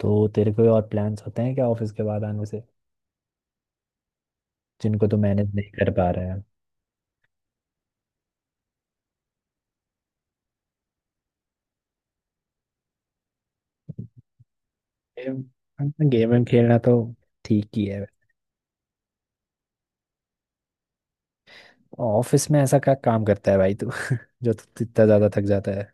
तो तेरे कोई और प्लान्स होते हैं क्या ऑफिस के बाद आने से जिनको तू मैनेज नहीं कर पा रहे हैं। गेम गेम वेम खेलना तो ठीक ही है। ऑफिस में ऐसा क्या काम करता है भाई तू जो तू इतना ज्यादा थक जाता है?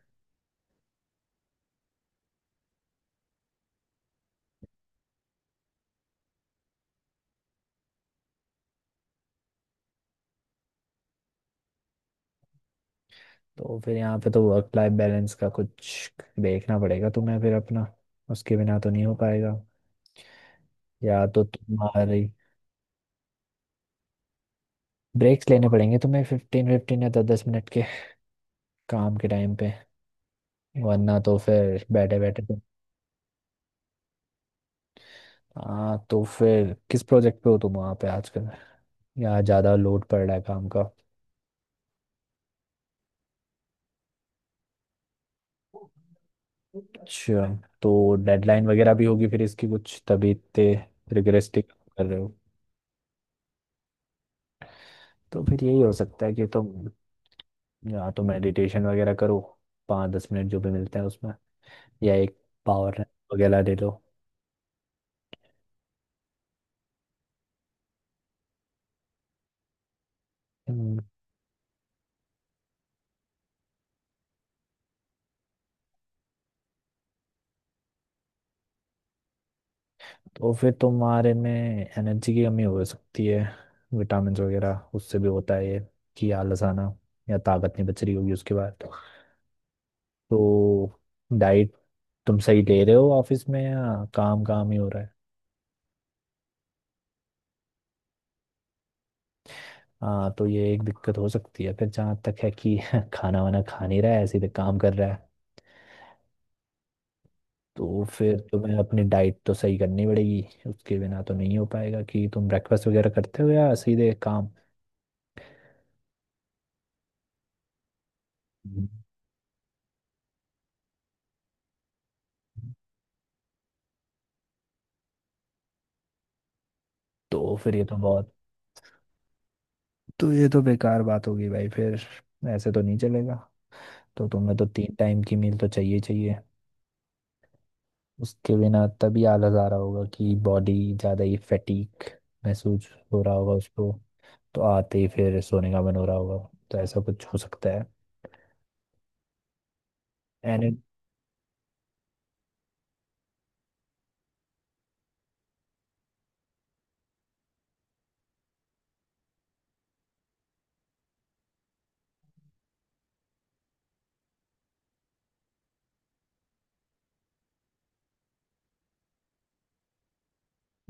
तो फिर यहाँ पे तो वर्क लाइफ बैलेंस का कुछ देखना पड़ेगा तुम्हें फिर अपना। उसके बिना तो नहीं हो पाएगा। या तो तुम्हारी ब्रेक्स लेने पड़ेंगे तुम्हें 15 15 या 10 10 मिनट के काम के टाइम पे। वरना तो फिर बैठे बैठे तो। हाँ तो फिर किस प्रोजेक्ट पे हो तुम वहाँ पे आजकल? यहाँ ज़्यादा लोड पड़ रहा है काम का? अच्छा। तो डेडलाइन वगैरह भी होगी फिर इसकी कुछ तभी इतने रिग्रेस्टिक कर रहे हो। तो फिर यही हो सकता है कि तुम या तो मेडिटेशन वगैरह करो 5 10 मिनट जो भी मिलते हैं उसमें। या एक पावर नैप वगैरह ले लो। हम्म, तो फिर तुम्हारे में एनर्जी की कमी हो सकती है। विटामिन वगैरह उससे भी होता है ये कि आलस आना या ताकत नहीं बच रही होगी उसके बाद। तो डाइट तुम सही ले रहे हो ऑफिस में या काम काम ही हो? हाँ तो ये एक दिक्कत हो सकती है फिर जहाँ तक है कि खाना वाना खा नहीं रहा है ऐसे ही काम कर रहा है। तो फिर तुम्हें अपनी डाइट तो सही करनी पड़ेगी। उसके बिना तो नहीं हो पाएगा कि तुम ब्रेकफास्ट वगैरह करते हो या सीधे काम? हम्म। तो फिर ये तो बहुत। तो ये तो बेकार बात होगी भाई फिर। ऐसे तो नहीं चलेगा। तो तुम्हें तो 3 टाइम की मील तो चाहिए चाहिए। उसके बिना तभी आलस आ रहा होगा कि बॉडी ज़्यादा ही फैटीक महसूस हो रहा होगा उसको। तो आते ही फिर सोने का मन हो रहा होगा। तो ऐसा कुछ हो सकता है। एनी।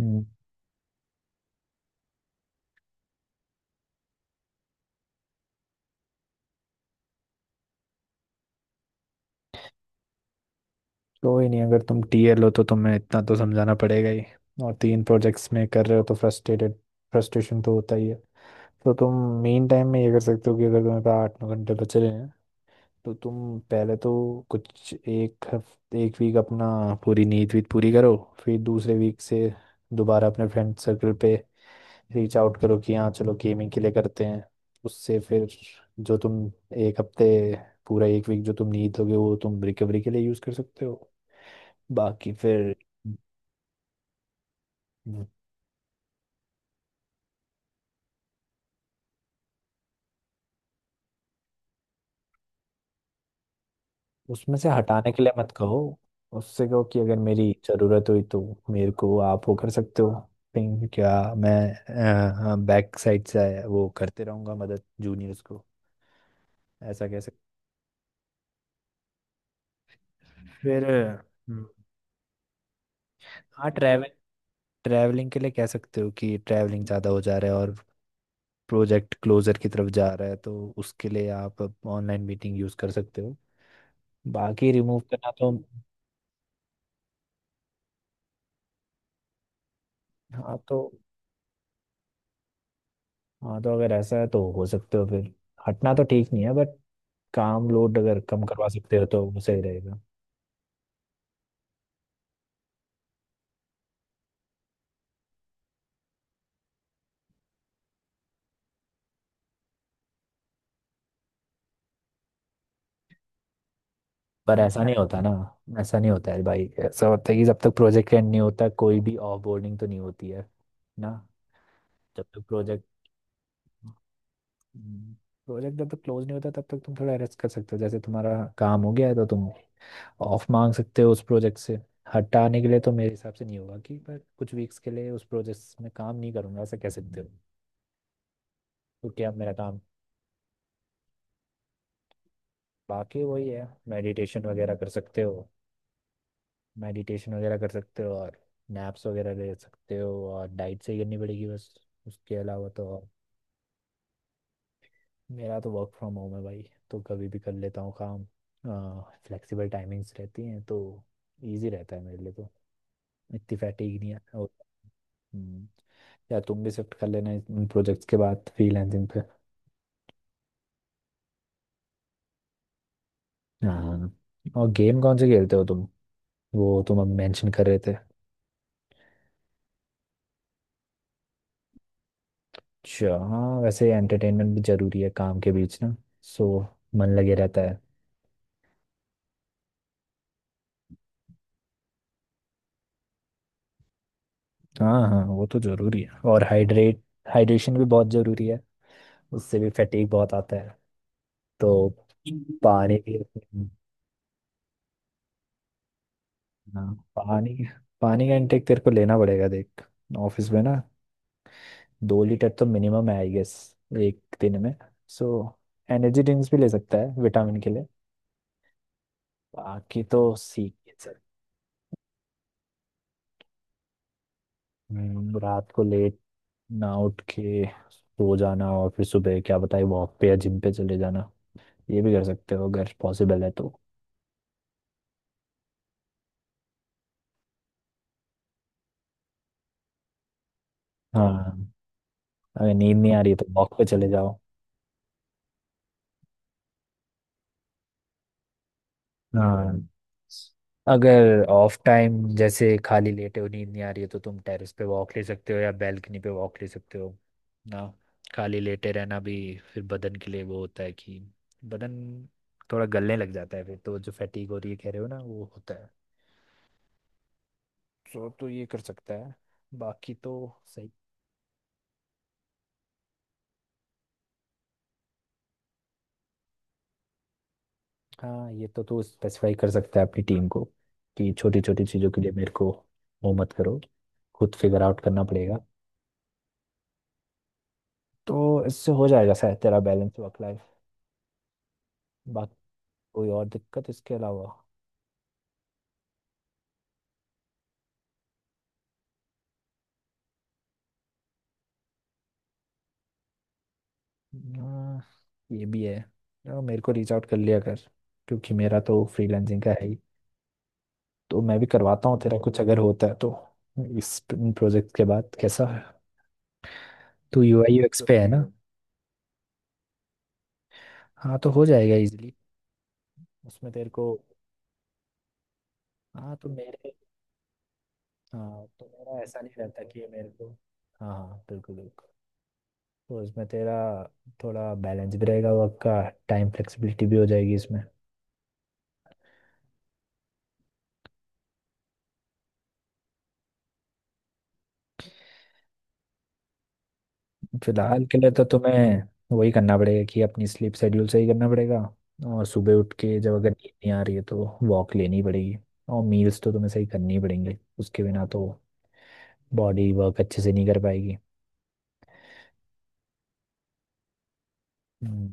हम्म, कोई नहीं। अगर तुम टीएल हो तो तुम्हें इतना तो समझाना पड़ेगा ही। और तीन प्रोजेक्ट्स में कर रहे हो तो फ्रस्ट्रेटेड फ्रस्ट्रेशन तो होता ही है। तो तुम मेन टाइम में ये कर सकते हो कि अगर तुम्हारे पास 8 9 घंटे बच रहे हैं तो तुम पहले तो कुछ एक हफ्ते एक वीक अपना पूरी नींद वीत पूरी करो। फिर दूसरे वीक से दोबारा अपने फ्रेंड सर्कल पे रीच आउट करो कि हाँ चलो गेमिंग के लिए करते हैं। उससे फिर जो तुम एक हफ्ते पूरा एक वीक जो तुम नहीं दोगे वो तुम रिकवरी के लिए यूज़ कर सकते हो बाकी फिर। हम्म, उसमें से हटाने के लिए मत कहो। उससे कहो कि अगर मेरी ज़रूरत हुई तो मेरे को आप वो कर सकते हो। थिंक क्या। मैं बैक साइड से वो करते रहूँगा मदद जूनियर्स को। ऐसा कह सकते हो। फिर हाँ ट्रैवल। ट्रैवलिंग के लिए कह सकते हो कि ट्रैवलिंग ज़्यादा हो जा रहा है और प्रोजेक्ट क्लोजर की तरफ जा रहा है तो उसके लिए आप ऑनलाइन मीटिंग यूज़ कर सकते हो। बाकी रिमूव करना तो। हाँ तो अगर ऐसा है तो हो सकते हो फिर। हटना तो ठीक नहीं है बट काम लोड अगर कम करवा सकते हो तो वो सही रहेगा। पर ऐसा नहीं होता ना। ऐसा नहीं होता है भाई। ऐसा होता है कि जब तक प्रोजेक्ट एंड नहीं होता कोई भी ऑफ बोर्डिंग तो नहीं होती है ना। जब तक प्रोजेक्ट प्रोजेक्ट जब तक क्लोज नहीं होता तब तक तुम थोड़ा रेस्ट कर सकते हो। जैसे तुम्हारा काम हो गया है तो तुम ऑफ मांग सकते हो उस प्रोजेक्ट से हटाने के लिए तो मेरे हिसाब से नहीं होगा कि पर कुछ वीक्स के लिए उस प्रोजेक्ट में काम नहीं करूंगा ऐसा कह सकते हो क्योंकि अब मेरा काम। बाकी वही है मेडिटेशन वगैरह कर सकते हो और नैप्स वगैरह ले सकते हो और डाइट सही करनी पड़ेगी बस। उसके अलावा तो और- मेरा तो वर्क फ्रॉम होम है भाई। तो कभी भी कर लेता हूँ काम। फ्लेक्सिबल टाइमिंग्स रहती हैं तो इजी रहता है मेरे लिए तो। इतनी फैटिग नहीं है। हम्म, या तुम भी शिफ्ट कर लेना इन प्रोजेक्ट्स के बाद फ्रीलांसिंग पे। हाँ। और गेम कौन से खेलते हो तुम? वो तुम अब मेंशन कर रहे थे। अच्छा हाँ वैसे एंटरटेनमेंट भी जरूरी है काम के बीच ना। सो मन लगे रहता है। हाँ हाँ वो तो जरूरी है और हाइड्रेट हाइड्रेशन भी बहुत जरूरी है। उससे भी फैटीग बहुत आता है। तो पानी भी। हाँ पानी पानी का इनटेक तेरे को लेना पड़ेगा देख। ऑफिस में ना 2 लीटर तो मिनिमम है आई गेस एक दिन में। सो एनर्जी ड्रिंक्स भी ले सकता है विटामिन के लिए। बाकी तो सीख है सर। रात को लेट ना उठ के सो जाना और फिर सुबह क्या बताए वॉक पे या जिम पे चले जाना। ये भी कर सकते हो अगर पॉसिबल है तो। हाँ अगर नींद नहीं आ रही है तो वॉक पे चले जाओ। हाँ अगर ऑफ टाइम जैसे खाली लेटे हो नींद नहीं आ रही है तो तुम टेरेस पे वॉक ले सकते हो या बैल्कनी पे वॉक ले सकते हो ना। खाली लेटे रहना भी फिर बदन के लिए वो होता है कि बदन थोड़ा गलने लग जाता है फिर तो जो फैटीग हो रही है कह रहे हो ना वो होता है। तो ये कर सकता है। बाकी तो सही। हाँ ये तो तू स्पेसिफाई कर सकता है अपनी टीम को कि छोटी छोटी चीज़ों के लिए मेरे को वो मत करो। खुद फिगर आउट करना पड़ेगा। तो इससे हो जाएगा शायद तेरा बैलेंस वर्क लाइफ। बाकी कोई और दिक्कत इसके अलावा? हाँ, ये भी है। हाँ, मेरे को रीच आउट कर लिया कर। क्योंकि मेरा तो फ्रीलांसिंग का है ही तो मैं भी करवाता हूँ तेरा कुछ अगर होता है तो। इस प्रोजेक्ट के बाद कैसा है। तू यूआई यूएक्स पे है ना? हाँ तो हो जाएगा इजीली उसमें तेरे को। हाँ तो मेरे हाँ तो मेरा ऐसा नहीं रहता कि मेरे को। हाँ हाँ बिल्कुल बिल्कुल। तो इसमें तेरा थोड़ा बैलेंस भी रहेगा वर्क का। टाइम फ्लेक्सिबिलिटी भी हो जाएगी इसमें। फिलहाल के लिए तो तुम्हें वही करना पड़ेगा कि अपनी स्लीप शेड्यूल सही करना पड़ेगा। और सुबह उठ के जब अगर नींद नहीं आ रही है तो वॉक लेनी पड़ेगी। और मील्स तो तुम्हें सही करनी पड़ेंगे उसके बिना तो बॉडी वर्क अच्छे से नहीं कर पाएगी। हम्म,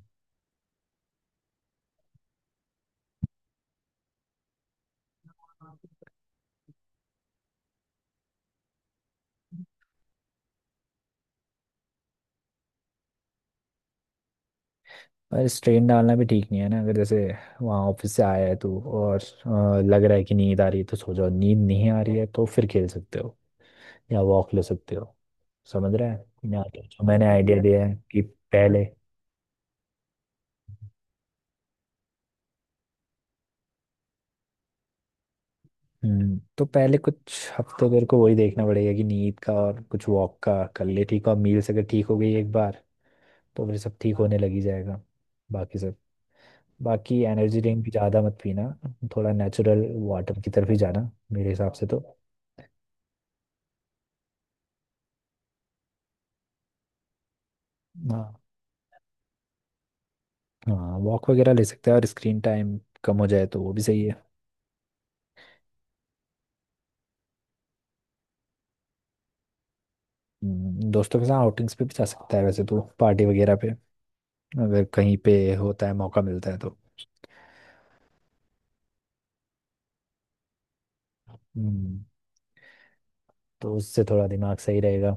और स्ट्रेन डालना भी ठीक नहीं है ना। अगर जैसे वहाँ ऑफिस से आया है तू और लग रहा है कि नींद आ रही है तो सो जाओ। नींद नहीं आ रही है तो फिर खेल सकते हो या वॉक ले सकते हो। समझ रहे हैं ना। तो जो मैंने आइडिया दिया है कि पहले। हम्म, तो पहले कुछ हफ्ते तेरे को वही देखना पड़ेगा कि नींद का और कुछ वॉक का कर ले ठीक है। और मील्स अगर ठीक हो गई एक बार तो फिर सब ठीक होने लगी जाएगा बाकी सब। बाकी एनर्जी ड्रिंक भी ज़्यादा मत पीना। थोड़ा नेचुरल वाटर की तरफ ही जाना मेरे हिसाब से तो। हाँ हाँ वॉक वगैरह ले सकता है और स्क्रीन टाइम कम हो जाए तो वो भी सही है। दोस्तों के साथ आउटिंग्स पे भी जा सकता है वैसे तो पार्टी वगैरह पे अगर कहीं पे होता है मौका मिलता है तो। हम्म, तो उससे थोड़ा दिमाग सही रहेगा।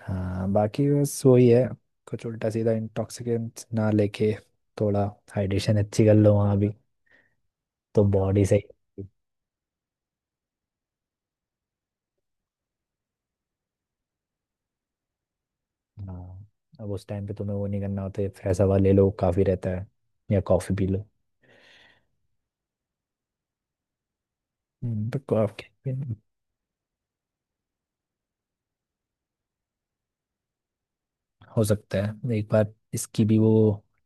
हाँ बाकी बस वही है। कुछ उल्टा सीधा इंटॉक्सिकेंट ना लेके थोड़ा हाइड्रेशन अच्छी कर लो वहाँ भी तो बॉडी सही रहेगी। हाँ अब उस टाइम पे तुम्हें वो नहीं करना होता है। फ्रेश हवा ले लो काफ़ी रहता है। या कॉफ़ी पी लो। पर कॉफ़ी भी। हो सकता है एक बार इसकी भी वो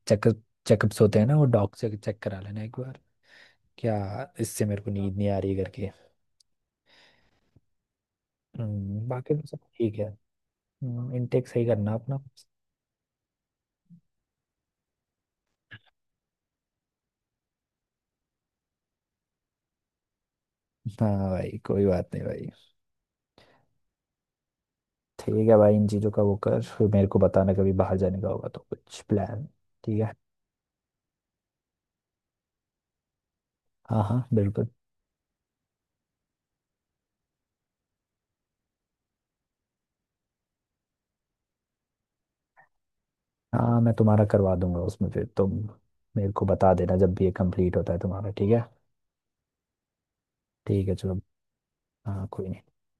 चेकअप्स होते हैं ना वो डॉक्टर से चेक करा लेना एक बार। क्या इससे मेरे को नींद नहीं आ रही करके। बाकी तो सब ठीक है। इनटेक सही करना अपना। हाँ भाई कोई बात नहीं भाई। ठीक है भाई इन चीज़ों का वो कर फिर मेरे को बताना कभी बाहर जाने का होगा तो कुछ प्लान। ठीक है। हाँ हाँ बिल्कुल। हाँ मैं तुम्हारा करवा दूंगा उसमें फिर तुम मेरे को बता देना जब भी ये कंप्लीट होता है तुम्हारा ठीक है। ठीक है चलो। हाँ कोई नहीं।